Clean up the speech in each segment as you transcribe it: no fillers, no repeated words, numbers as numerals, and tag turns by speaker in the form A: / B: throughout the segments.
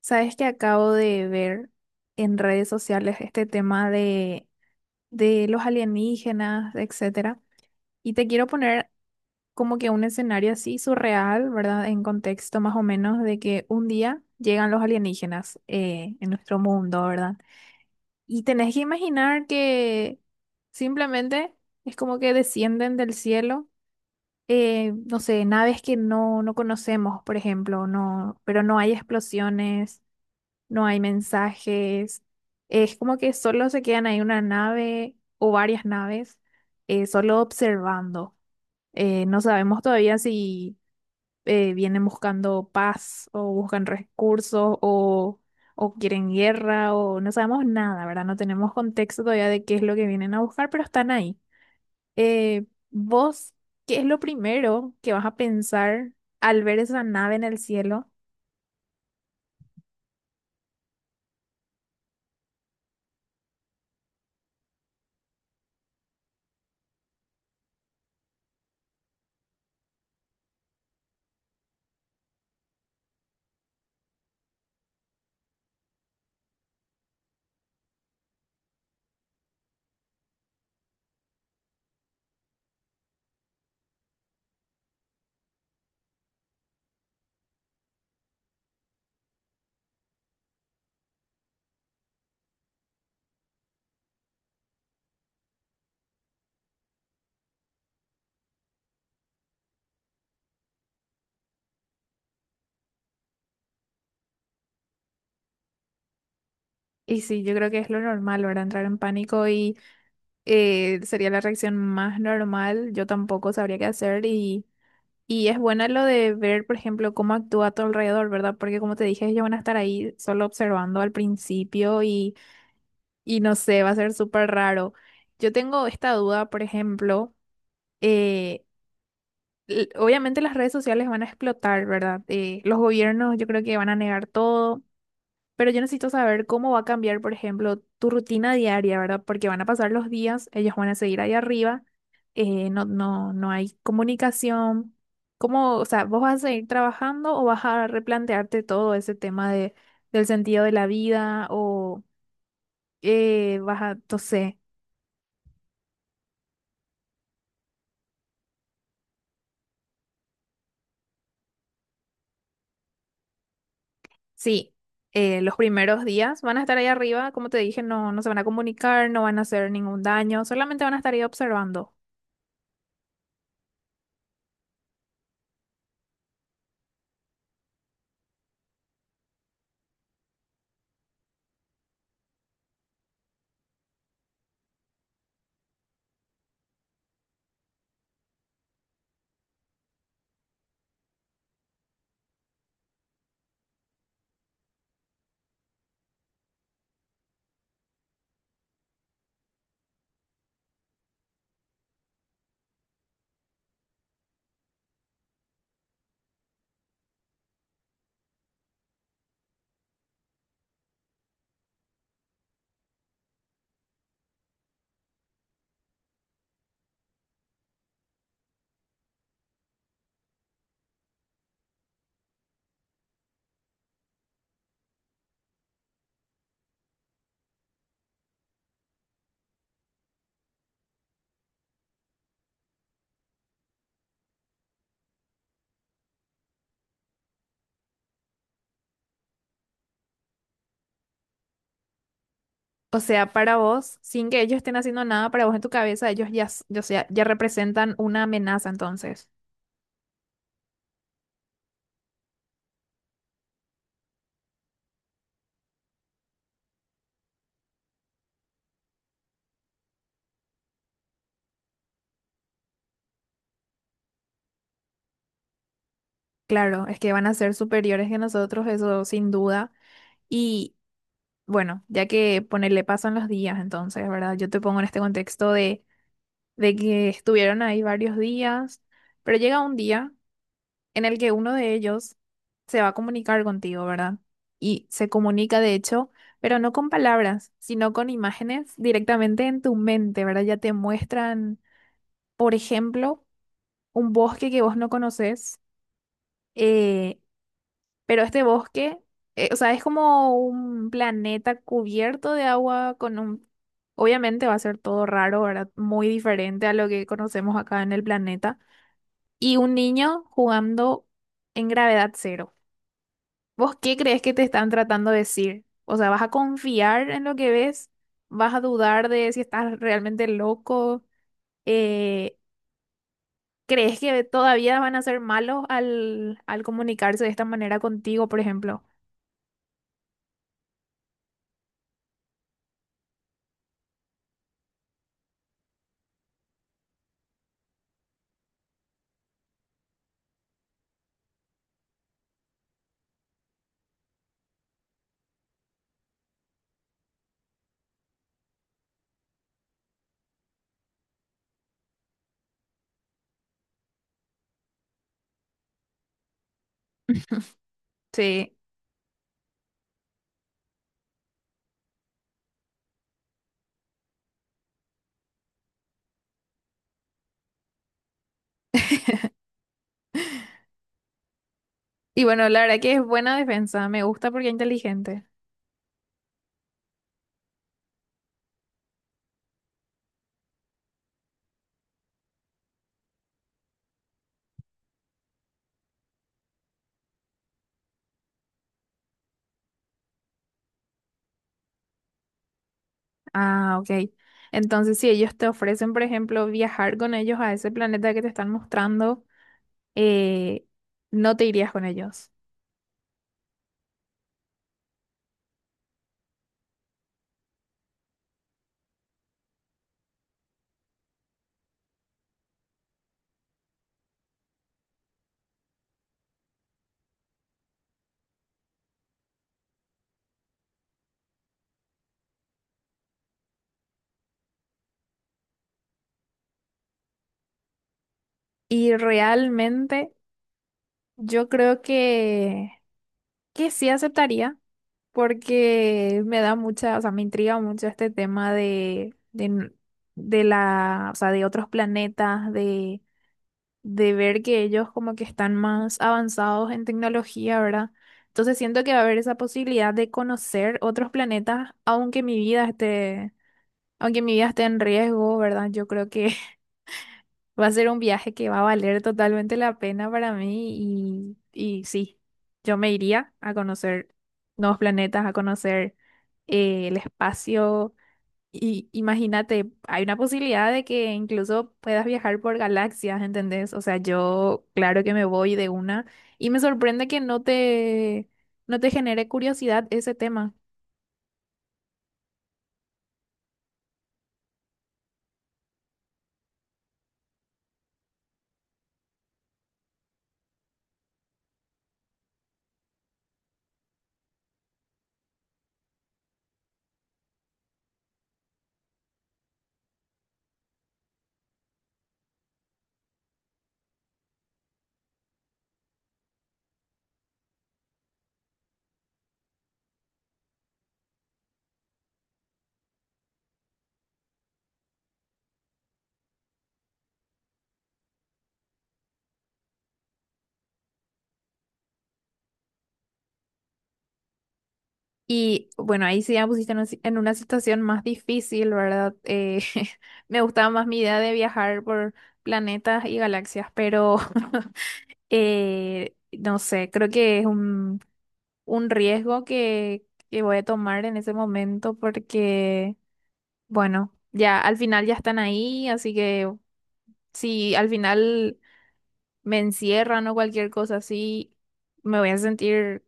A: Sabes que acabo de ver en redes sociales este tema de los alienígenas, etcétera. Y te quiero poner como que un escenario así surreal, ¿verdad? En contexto más o menos de que un día llegan los alienígenas en nuestro mundo, ¿verdad? Y tenés que imaginar que simplemente es como que descienden del cielo, no sé, naves que no conocemos, por ejemplo, no, pero no hay explosiones, no hay mensajes, es como que solo se quedan ahí una nave o varias naves, solo observando. No sabemos todavía si vienen buscando paz o buscan recursos o quieren guerra o no sabemos nada, ¿verdad? No tenemos contexto todavía de qué es lo que vienen a buscar, pero están ahí. Eh, ¿Vos qué es lo primero que vas a pensar al ver esa nave en el cielo? Y sí, yo creo que es lo normal, ¿verdad? Entrar en pánico y sería la reacción más normal, yo tampoco sabría qué hacer y es buena lo de ver, por ejemplo, cómo actúa a tu alrededor, ¿verdad? Porque como te dije, ellos van a estar ahí solo observando al principio y no sé, va a ser súper raro. Yo tengo esta duda, por ejemplo, eh, obviamente las redes sociales van a explotar, ¿verdad? Los gobiernos yo creo que van a negar todo. Pero yo necesito saber cómo va a cambiar, por ejemplo, tu rutina diaria, ¿verdad? Porque van a pasar los días, ellos van a seguir ahí arriba, no hay comunicación. ¿Cómo, o sea, vos vas a seguir trabajando o vas a replantearte todo ese tema del sentido de la vida o vas a, no sé, sí, los primeros días van a estar ahí arriba, como te dije, no se van a comunicar, no van a hacer ningún daño, solamente van a estar ahí observando. O sea, para vos, sin que ellos estén haciendo nada, para vos en tu cabeza, ellos ya, o sea, ya representan una amenaza entonces. Claro, es que van a ser superiores que nosotros, eso sin duda. Y bueno, ya que ponerle pasan los días entonces, ¿verdad? Yo te pongo en este contexto de que estuvieron ahí varios días, pero llega un día en el que uno de ellos se va a comunicar contigo, ¿verdad? Y se comunica, de hecho, pero no con palabras, sino con imágenes directamente en tu mente, ¿verdad? Ya te muestran, por ejemplo, un bosque que vos no conoces, eh, pero este bosque, o sea, es como un planeta cubierto de agua con un... Obviamente va a ser todo raro, ¿verdad? Muy diferente a lo que conocemos acá en el planeta. Y un niño jugando en gravedad cero. ¿Vos qué crees que te están tratando de decir? O sea, ¿vas a confiar en lo que ves? ¿Vas a dudar de si estás realmente loco? Eh, ¿Crees que todavía van a ser malos al comunicarse de esta manera contigo, por ejemplo? Sí. Y bueno, la verdad que es buena defensa. Me gusta porque es inteligente. Ah, ok. Entonces, si ellos te ofrecen, por ejemplo, viajar con ellos a ese planeta que te están mostrando, eh, no te irías con ellos. Y realmente... Yo creo que sí aceptaría, porque me da mucha, o sea, me intriga mucho este tema de la, o sea, de otros planetas, de ver que ellos como que están más avanzados en tecnología, ¿verdad? Entonces siento que va a haber esa posibilidad de conocer otros planetas, aunque mi vida esté, aunque mi vida esté en riesgo, ¿verdad? Yo creo que va a ser un viaje que va a valer totalmente la pena para mí y sí, yo me iría a conocer nuevos planetas, a conocer el espacio. Y imagínate, hay una posibilidad de que incluso puedas viajar por galaxias, ¿entendés? O sea, yo claro que me voy de una y me sorprende que no no te genere curiosidad ese tema. Y bueno, ahí sí ya me pusiste en, una si- en una situación más difícil, ¿verdad? Me gustaba más mi idea de viajar por planetas y galaxias, pero no sé, creo que es un riesgo que voy a tomar en ese momento porque, bueno, ya al final ya están ahí, así que si al final me encierran o cualquier cosa así, me voy a sentir,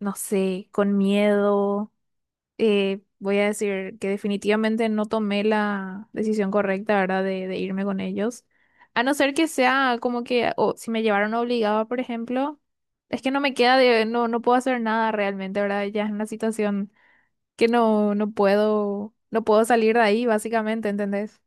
A: no sé, con miedo. Voy a decir que definitivamente no tomé la decisión correcta, ¿verdad? De irme con ellos. A no ser que sea como que, o si me llevaron obligada, por ejemplo, es que no me queda de, no puedo hacer nada realmente, ¿verdad? Ya es una situación que no puedo, no puedo salir de ahí, básicamente, ¿entendés?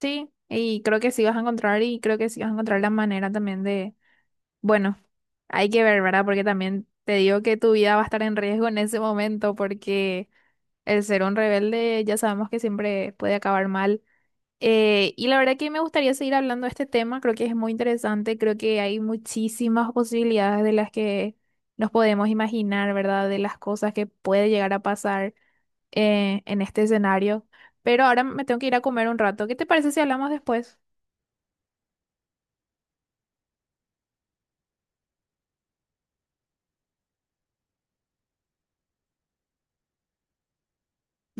A: Sí, y creo que sí vas a encontrar, y creo que sí vas a encontrar la manera también de, bueno, hay que ver, ¿verdad? Porque también te digo que tu vida va a estar en riesgo en ese momento, porque el ser un rebelde ya sabemos que siempre puede acabar mal. Y la verdad que me gustaría seguir hablando de este tema, creo que es muy interesante, creo que hay muchísimas posibilidades de las que nos podemos imaginar, ¿verdad? De las cosas que puede llegar a pasar en este escenario. Pero ahora me tengo que ir a comer un rato. ¿Qué te parece si hablamos después?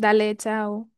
A: Dale, chao.